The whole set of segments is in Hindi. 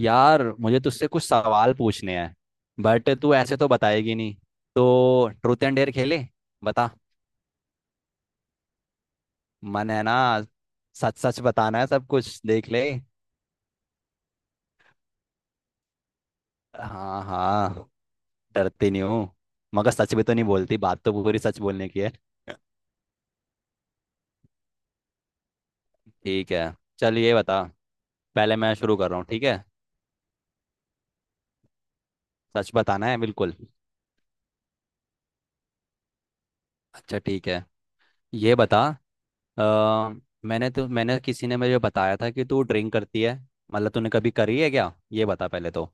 यार, मुझे तुझसे कुछ सवाल पूछने हैं। बट तू ऐसे तो बताएगी नहीं, तो ट्रूथ एंड डेयर खेले। बता। मन है ना। सच सच बताना है, सब कुछ देख ले। हाँ हाँ, डरती नहीं हूँ। मगर सच भी तो नहीं बोलती, बात तो पूरी सच बोलने की है। ठीक है। चल ये बता। पहले मैं शुरू कर रहा हूँ, ठीक है। सच बताना है बिल्कुल। अच्छा ठीक है, ये बता। अ, मैंने तो मैंने किसी ने मुझे बताया था कि तू ड्रिंक करती है। मतलब तूने कभी करी है क्या? ये बता पहले तो।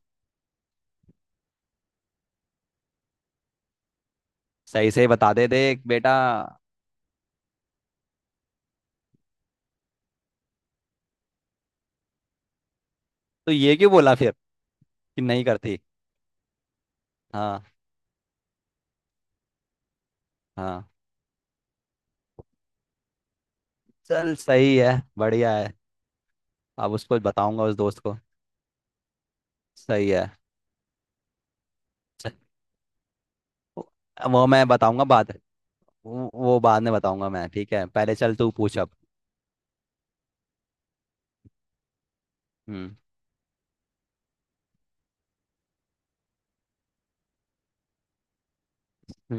सही से बता दे, देख बेटा। तो ये क्यों बोला फिर कि नहीं करती? हाँ हाँ, चल सही है, बढ़िया है। अब उसको बताऊंगा, उस दोस्त को। सही है। च- वो वो मैं बताऊंगा बाद। वो बाद में बताऊंगा मैं, ठीक है। पहले चल तू पूछ अब। हम्म।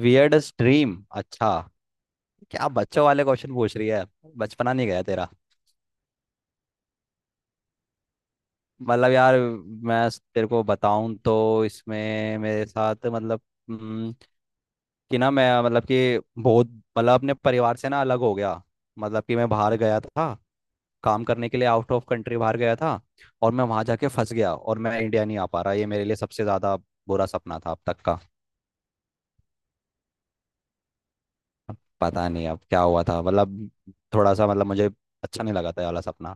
Weird dream? अच्छा। क्या बच्चों वाले क्वेश्चन पूछ रही है? बचपना नहीं गया तेरा। मतलब यार, मैं तेरे को बताऊं तो इसमें मेरे साथ मतलब, हम्म, कि ना मैं मतलब कि बहुत, मतलब अपने परिवार से ना अलग हो गया। मतलब कि मैं बाहर गया था, काम करने के लिए आउट ऑफ कंट्री बाहर गया था। और मैं वहां जाके फंस गया, और मैं इंडिया नहीं आ पा रहा। ये मेरे लिए सबसे ज्यादा बुरा सपना था अब तक का। अब पता नहीं अब क्या हुआ था, मतलब थोड़ा सा मतलब मुझे अच्छा नहीं लगा था ये वाला सपना।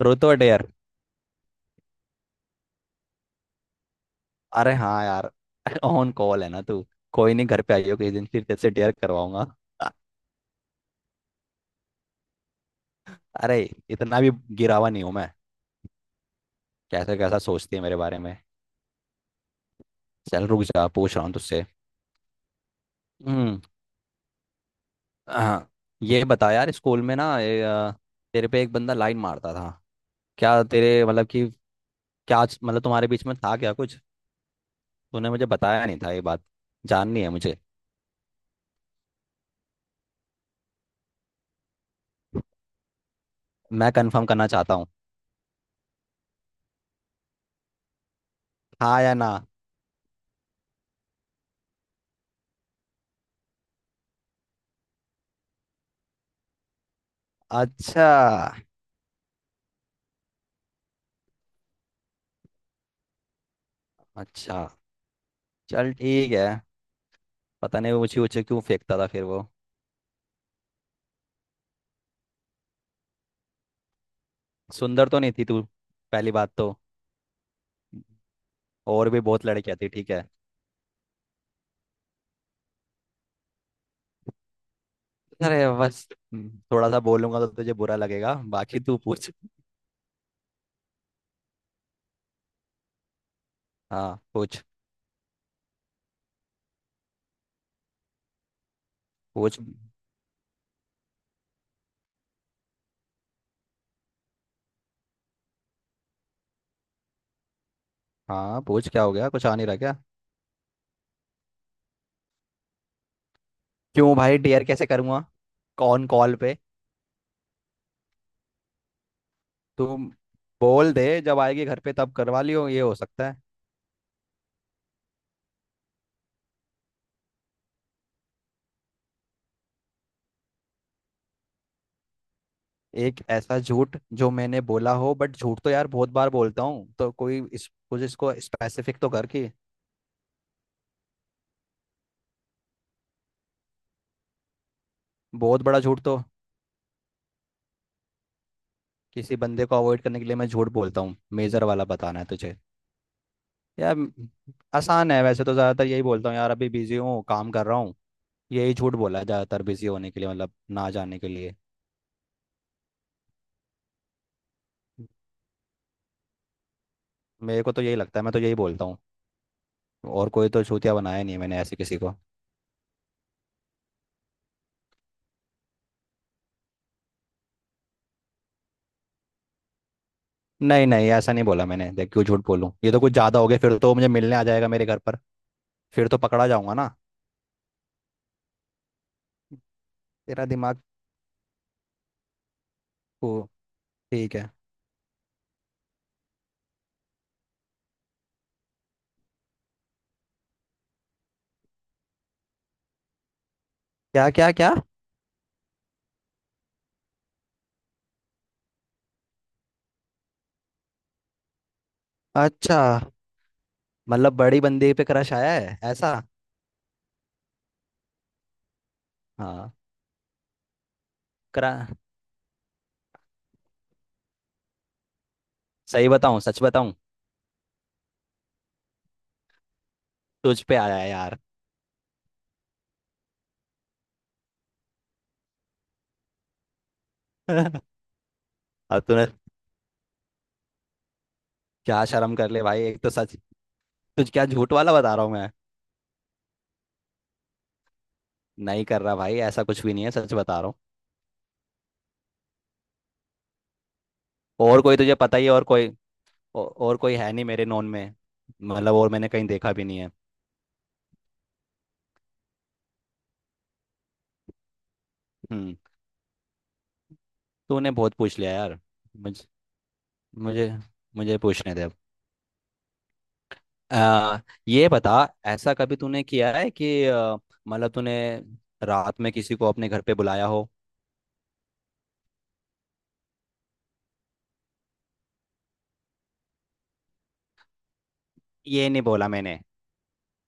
ट्रूथ और डेयर। अरे हाँ यार। ऑन कॉल है ना तू। कोई नहीं, घर पे आइयो किसी दिन, फिर तेरे से डेयर करवाऊंगा। अ- अरे, इतना भी गिरावा नहीं हूं मैं। कैसा कैसा सोचती है मेरे बारे में। चल रुक जा, पूछ रहा हूँ तुझसे। हम्म। हाँ, ये बता यार, स्कूल में ना ये, तेरे पे एक बंदा लाइन मारता था। क्या तेरे मतलब कि मतलब तुम्हारे बीच में था क्या कुछ? तूने मुझे बताया नहीं था ये बात। जाननी है मुझे। मैं कंफर्म करना चाहता हूँ। हाँ या ना? अच्छा। अच्छा चल ठीक है। पता नहीं ऊंची ऊंची क्यों फेंकता था फिर वो। सुंदर तो नहीं थी तू, पहली बात तो। और भी बहुत लड़कियां थी, ठीक है। अरे बस थोड़ा सा बोलूंगा तो तुझे बुरा लगेगा, बाकी तू पूछ। हाँ, पूछ। पूछ। हाँ पूछ, क्या हो गया? कुछ आ नहीं रहा क्या? क्यों भाई? डेयर कैसे करूँगा, कौन कॉल पे? तुम बोल दे, जब आएगी घर पे तब करवा लियो, ये हो सकता है। एक ऐसा झूठ जो मैंने बोला हो, बट झूठ तो यार बहुत बार बोलता हूँ, तो कोई, इस कुछ इसको स्पेसिफिक तो कर कि। बहुत बड़ा झूठ तो किसी बंदे को अवॉइड करने के लिए मैं झूठ बोलता हूँ। मेजर वाला बताना है तुझे? यार, आसान है वैसे, तो ज़्यादातर यही बोलता हूँ यार, अभी बिजी हूँ काम कर रहा हूँ। यही झूठ बोला है ज़्यादातर, बिजी होने के लिए, मतलब ना जाने के लिए। मेरे को तो यही लगता है, मैं तो यही बोलता हूँ। और कोई तो छूतिया बनाया नहीं है मैंने ऐसे किसी को। नहीं नहीं, ऐसा नहीं बोला मैंने। देख, क्यों झूठ बोलूं? ये तो कुछ ज्यादा हो गया, फिर तो मुझे मिलने आ जाएगा मेरे घर पर। फिर तो पकड़ा जाऊंगा ना। तेरा दिमाग को, ठीक है। क्या क्या क्या? अच्छा, मतलब बड़ी बंदी पे क्रश आया है ऐसा? हाँ करा। सही बताऊं? सच बताऊं? तुझ पे आया है यार। अब तूने क्या? शर्म कर ले भाई, एक तो सच। तुझ, क्या झूठ वाला बता रहा हूँ मैं? नहीं कर रहा भाई, ऐसा कुछ भी नहीं है, सच बता रहा हूँ। और कोई, तुझे पता ही है। और कोई, और कोई है नहीं मेरे नॉन में। मतलब और मैंने कहीं देखा भी नहीं है। हम्म। तूने बहुत पूछ लिया यार। मुझे। मुझे मुझे पूछने दे अब। आ, ये बता। ऐसा कभी तूने किया है कि, मतलब तूने रात में किसी को अपने घर पे बुलाया हो? ये नहीं बोला मैंने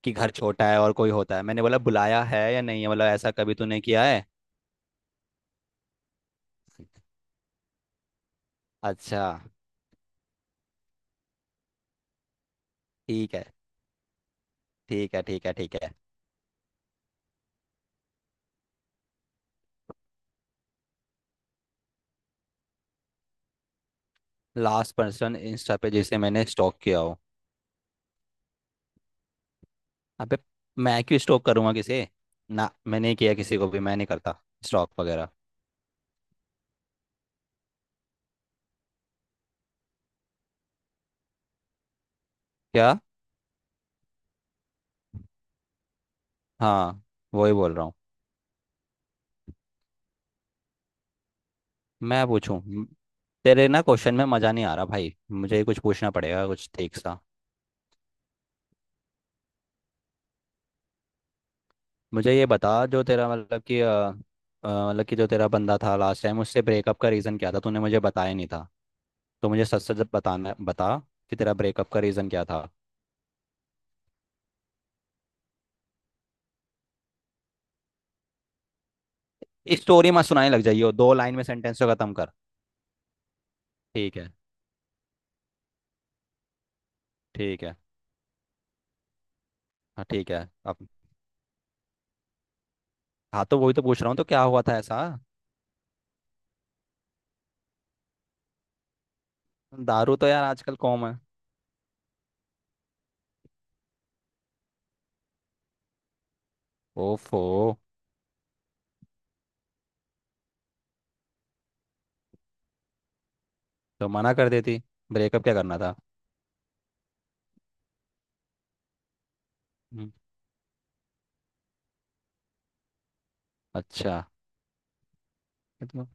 कि घर छोटा है और कोई होता है। मैंने बोला बुलाया है या नहीं है, मतलब ऐसा कभी तूने किया है? अच्छा। ठीक है, ठीक है, ठीक है, ठीक है। लास्ट पर्सन इंस्टा पे जिसे मैंने स्टॉक किया हो? अबे, मैं क्यों स्टॉक करूंगा, किसे? ना, मैंने नहीं किया किसी को भी, मैं नहीं करता स्टॉक वगैरह। क्या? हाँ, वही बोल रहा हूँ। मैं पूछूं, तेरे ना क्वेश्चन में मज़ा नहीं आ रहा भाई, मुझे कुछ पूछना पड़ेगा कुछ ठीक सा। मुझे ये बता, जो तेरा मतलब कि, मतलब कि जो तेरा बंदा था लास्ट टाइम, उससे ब्रेकअप का रीज़न क्या था? तूने मुझे बताया नहीं था। तो मुझे सच सच बताना, बता कि तेरा ब्रेकअप का रीज़न क्या था। स्टोरी मत सुनाने लग जाइयो, दो लाइन में सेंटेंस को ख़त्म कर। ठीक है। ठीक है। हाँ ठीक है अब। हाँ, तो वही तो पूछ रहा हूँ, तो क्या हुआ था ऐसा? दारू तो यार आजकल कॉम है। ओफो। तो मना कर देती, ब्रेकअप क्या करना था? हम्म। अच्छा। ये तो-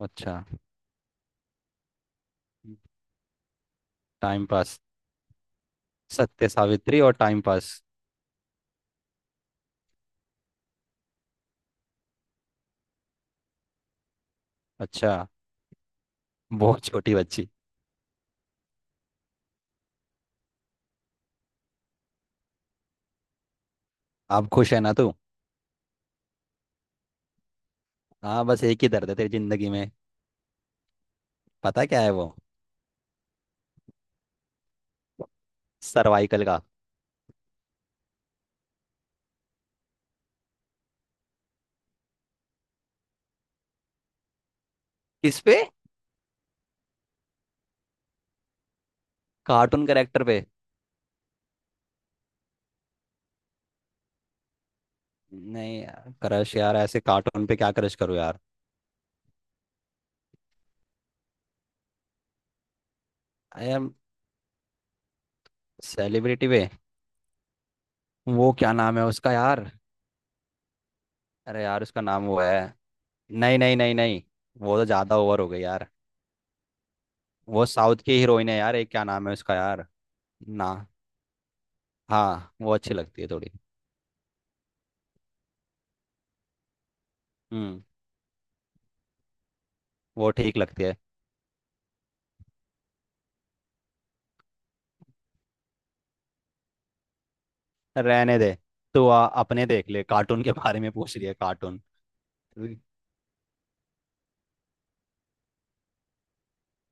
अच्छा। Time pass. सत्य सावित्री और टाइम पास? अच्छा, बहुत छोटी बच्ची। आप खुश है ना तू? हाँ, बस एक ही दर्द है तेरी जिंदगी में। पता क्या है वो? सर्वाइकल का। किस पे? कार्टून करेक्टर पे? नहीं यार, क्रश यार ऐसे कार्टून पे? क्या क्रश करो यार। आई एम, सेलिब्रिटी पे? वो क्या नाम है उसका यार? अरे यार उसका नाम वो है। नहीं नहीं नहीं नहीं। वो तो ज़्यादा ओवर हो गई यार। वो साउथ की हीरोइन है यार, एक, क्या नाम है उसका यार? ना। हाँ वो अच्छी लगती है थोड़ी। हम्म। वो ठीक लगती है। रहने दे। तू अपने देख ले, कार्टून के बारे में पूछ रही है, कार्टून।